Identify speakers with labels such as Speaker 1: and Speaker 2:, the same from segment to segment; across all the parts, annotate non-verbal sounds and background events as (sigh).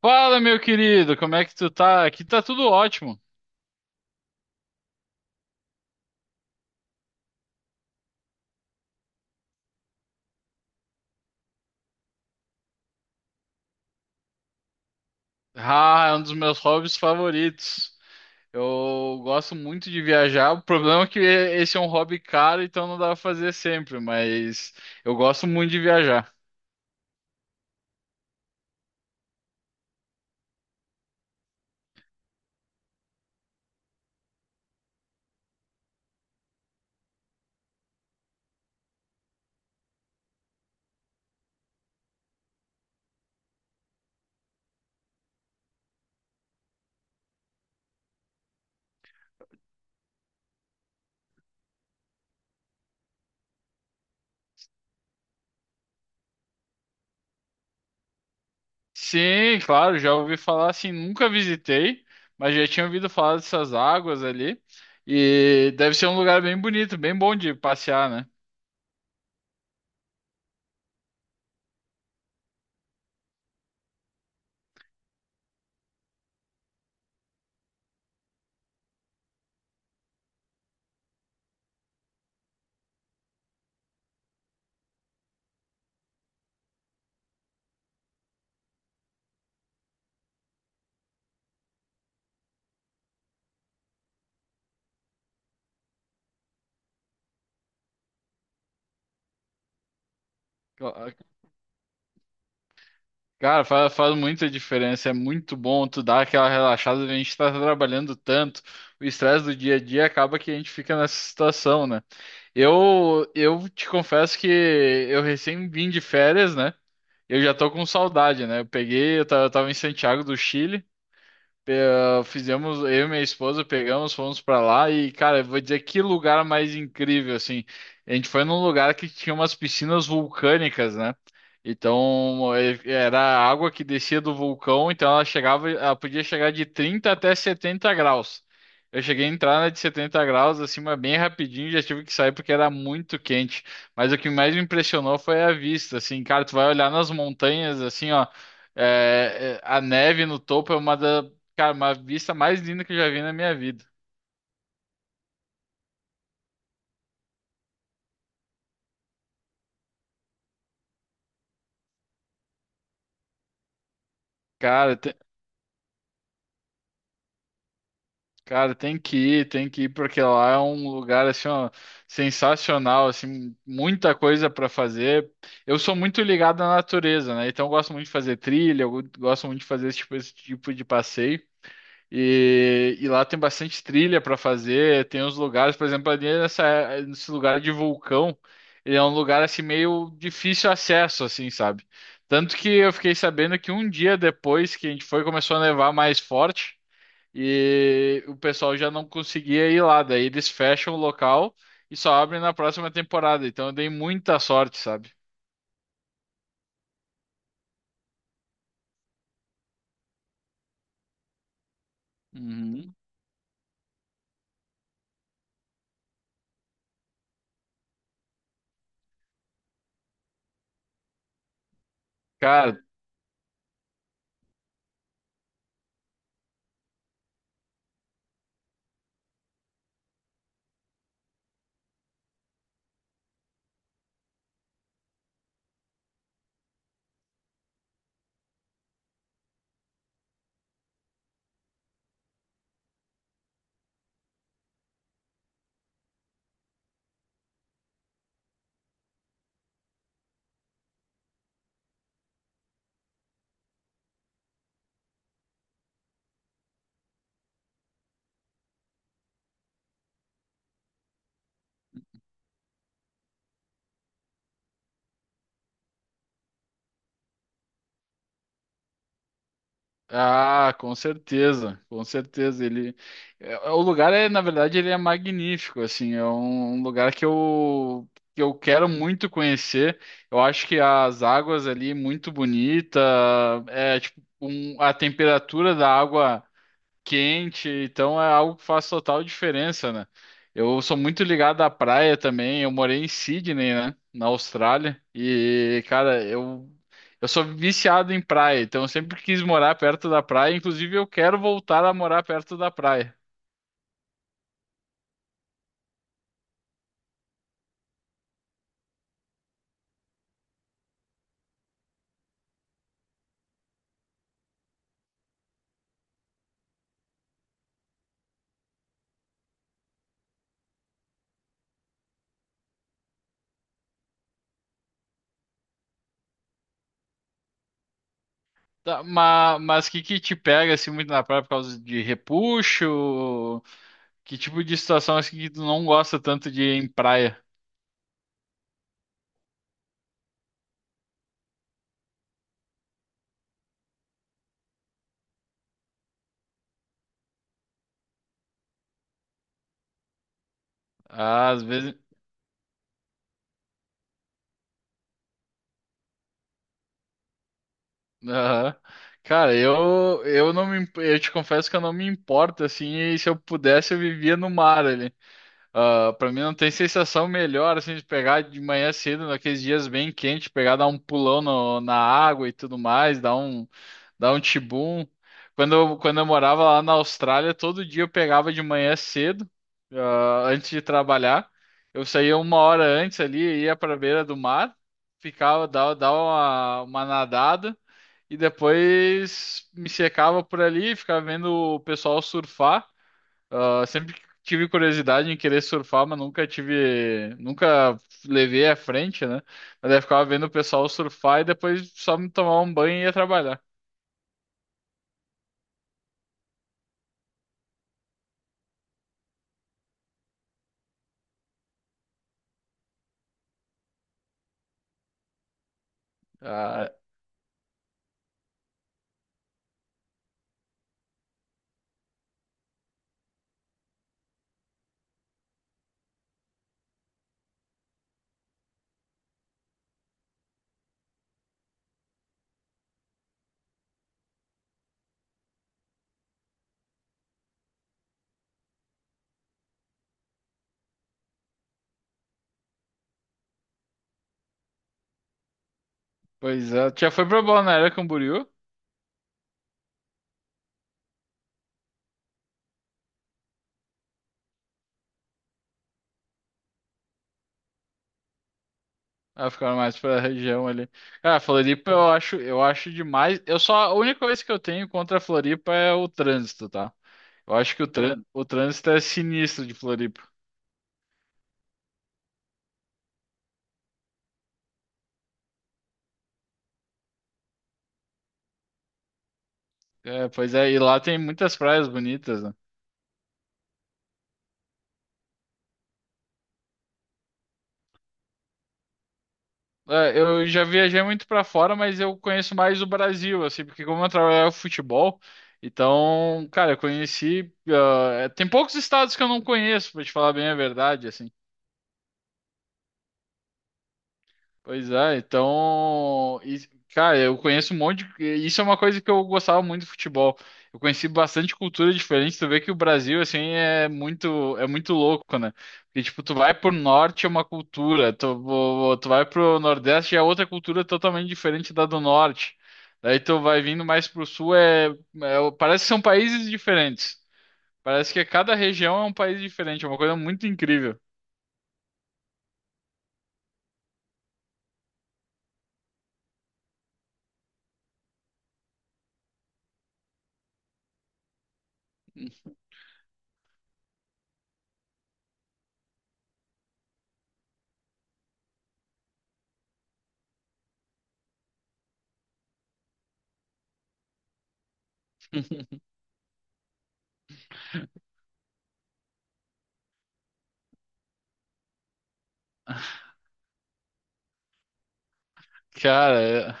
Speaker 1: Fala, meu querido, como é que tu tá? Aqui tá tudo ótimo. Ah, é um dos meus hobbies favoritos. Eu gosto muito de viajar. O problema é que esse é um hobby caro, então não dá pra fazer sempre, mas eu gosto muito de viajar. Sim, claro, já ouvi falar assim, nunca visitei, mas já tinha ouvido falar dessas águas ali. E deve ser um lugar bem bonito, bem bom de passear, né? Cara, faz muita diferença. É muito bom tu dar aquela relaxada. A gente tá trabalhando tanto, o estresse do dia a dia acaba que a gente fica nessa situação, né? Eu te confesso que eu recém vim de férias, né? Eu já tô com saudade, né? Eu tava em Santiago do Chile. Eu e minha esposa pegamos, fomos pra lá e, cara, eu vou dizer que lugar mais incrível, assim. A gente foi num lugar que tinha umas piscinas vulcânicas, né? Então, era a água que descia do vulcão, então ela podia chegar de 30 até 70 graus. Eu cheguei a entrar na de 70 graus, assim, mas bem rapidinho, já tive que sair porque era muito quente. Mas o que mais me impressionou foi a vista, assim, cara, tu vai olhar nas montanhas, assim, ó. A neve no topo é uma das... Cara, uma vista mais linda que eu já vi na minha vida. Cara, te- cara, tem que ir, porque lá é um lugar assim, ó, sensacional, assim, muita coisa para fazer. Eu sou muito ligado à natureza, né? Então eu gosto muito de fazer trilha, eu gosto muito de fazer esse tipo de passeio. E lá tem bastante trilha para fazer, tem uns lugares, por exemplo, ali nesse lugar de vulcão, ele é um lugar assim meio difícil acesso, assim, sabe? Tanto que eu fiquei sabendo que um dia depois que a gente foi, começou a nevar mais forte e o pessoal já não conseguia ir lá, daí eles fecham o local e só abrem na próxima temporada. Então eu dei muita sorte, sabe? Uhum. Cara, com certeza, com certeza. O lugar é, na verdade, ele é magnífico, assim, é um lugar que eu quero muito conhecer. Eu acho que as águas ali muito bonita, a temperatura da água quente, então é algo que faz total diferença, né? Eu sou muito ligado à praia também. Eu morei em Sydney, né, na Austrália, e cara, eu sou viciado em praia, então eu sempre quis morar perto da praia. Inclusive, eu quero voltar a morar perto da praia. Tá, mas que te pega assim muito na praia por causa de repuxo? Que tipo de situação assim que tu não gosta tanto de ir em praia? Ah, às vezes. Aham. Cara, eu te confesso que eu não me importo assim, e se eu pudesse eu vivia no mar ali. Ah, para mim não tem sensação melhor assim de pegar de manhã cedo, naqueles dias bem quentes, pegar dar um pulão no- na água e tudo mais, dar um dá um tibum. Quando eu morava lá na Austrália, todo dia eu pegava de manhã cedo, antes de trabalhar. Eu saía uma hora antes ali, ia para a beira do mar, ficava, dava uma nadada e depois me secava por ali, ficava vendo o pessoal surfar. Ah, sempre tive curiosidade em querer surfar, mas nunca levei à frente, né? Mas daí eu ficava vendo o pessoal surfar e depois só me tomar um banho e ia trabalhar. Ah, pois é, tu já foi pra Balneário Camboriú? Ah, ficaram mais pra região ali. Cara, Floripa eu acho demais. A única coisa que eu tenho contra a Floripa é o trânsito, tá? Eu acho que o trânsito é sinistro de Floripa. É, pois é, e lá tem muitas praias bonitas, né? É, eu já viajei muito pra fora, mas eu conheço mais o Brasil, assim, porque como eu trabalhava com futebol, então, cara, eu conheci. Ah, é, tem poucos estados que eu não conheço, pra te falar bem a verdade, assim. Pois é, então, e, cara, eu conheço um monte de, isso é uma coisa que eu gostava muito do futebol. Eu conheci bastante cultura diferente, tu vê que o Brasil assim é muito louco, né? Porque tipo, tu vai pro norte é uma cultura, tu vai pro nordeste é outra cultura totalmente diferente da do norte. Daí tu vai vindo mais pro sul parece que são países diferentes. Parece que cada região é um país diferente, é uma coisa muito incrível. (laughs) Cara, é.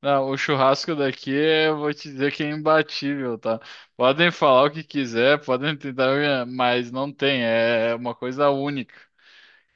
Speaker 1: Não, o churrasco daqui, eu vou te dizer que é imbatível, tá? Podem falar o que quiser, podem tentar, mas não tem, é uma coisa única.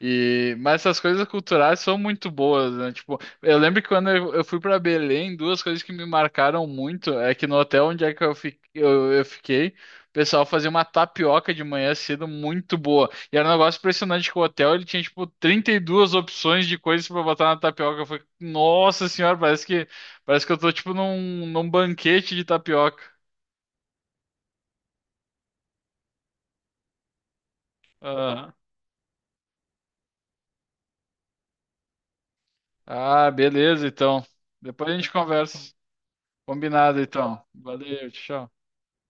Speaker 1: E, mas essas coisas culturais são muito boas, né? Tipo, eu lembro que quando eu fui para Belém, duas coisas que me marcaram muito é que no hotel onde é que eu fiquei, o pessoal fazia uma tapioca de manhã cedo muito boa. E era um negócio impressionante que o hotel ele tinha, tipo, 32 opções de coisas para botar na tapioca. Eu falei, nossa senhora, parece que eu tô, tipo, num banquete de tapioca. Ah, beleza, então. Depois a gente conversa. Combinado, então. Valeu, tchau.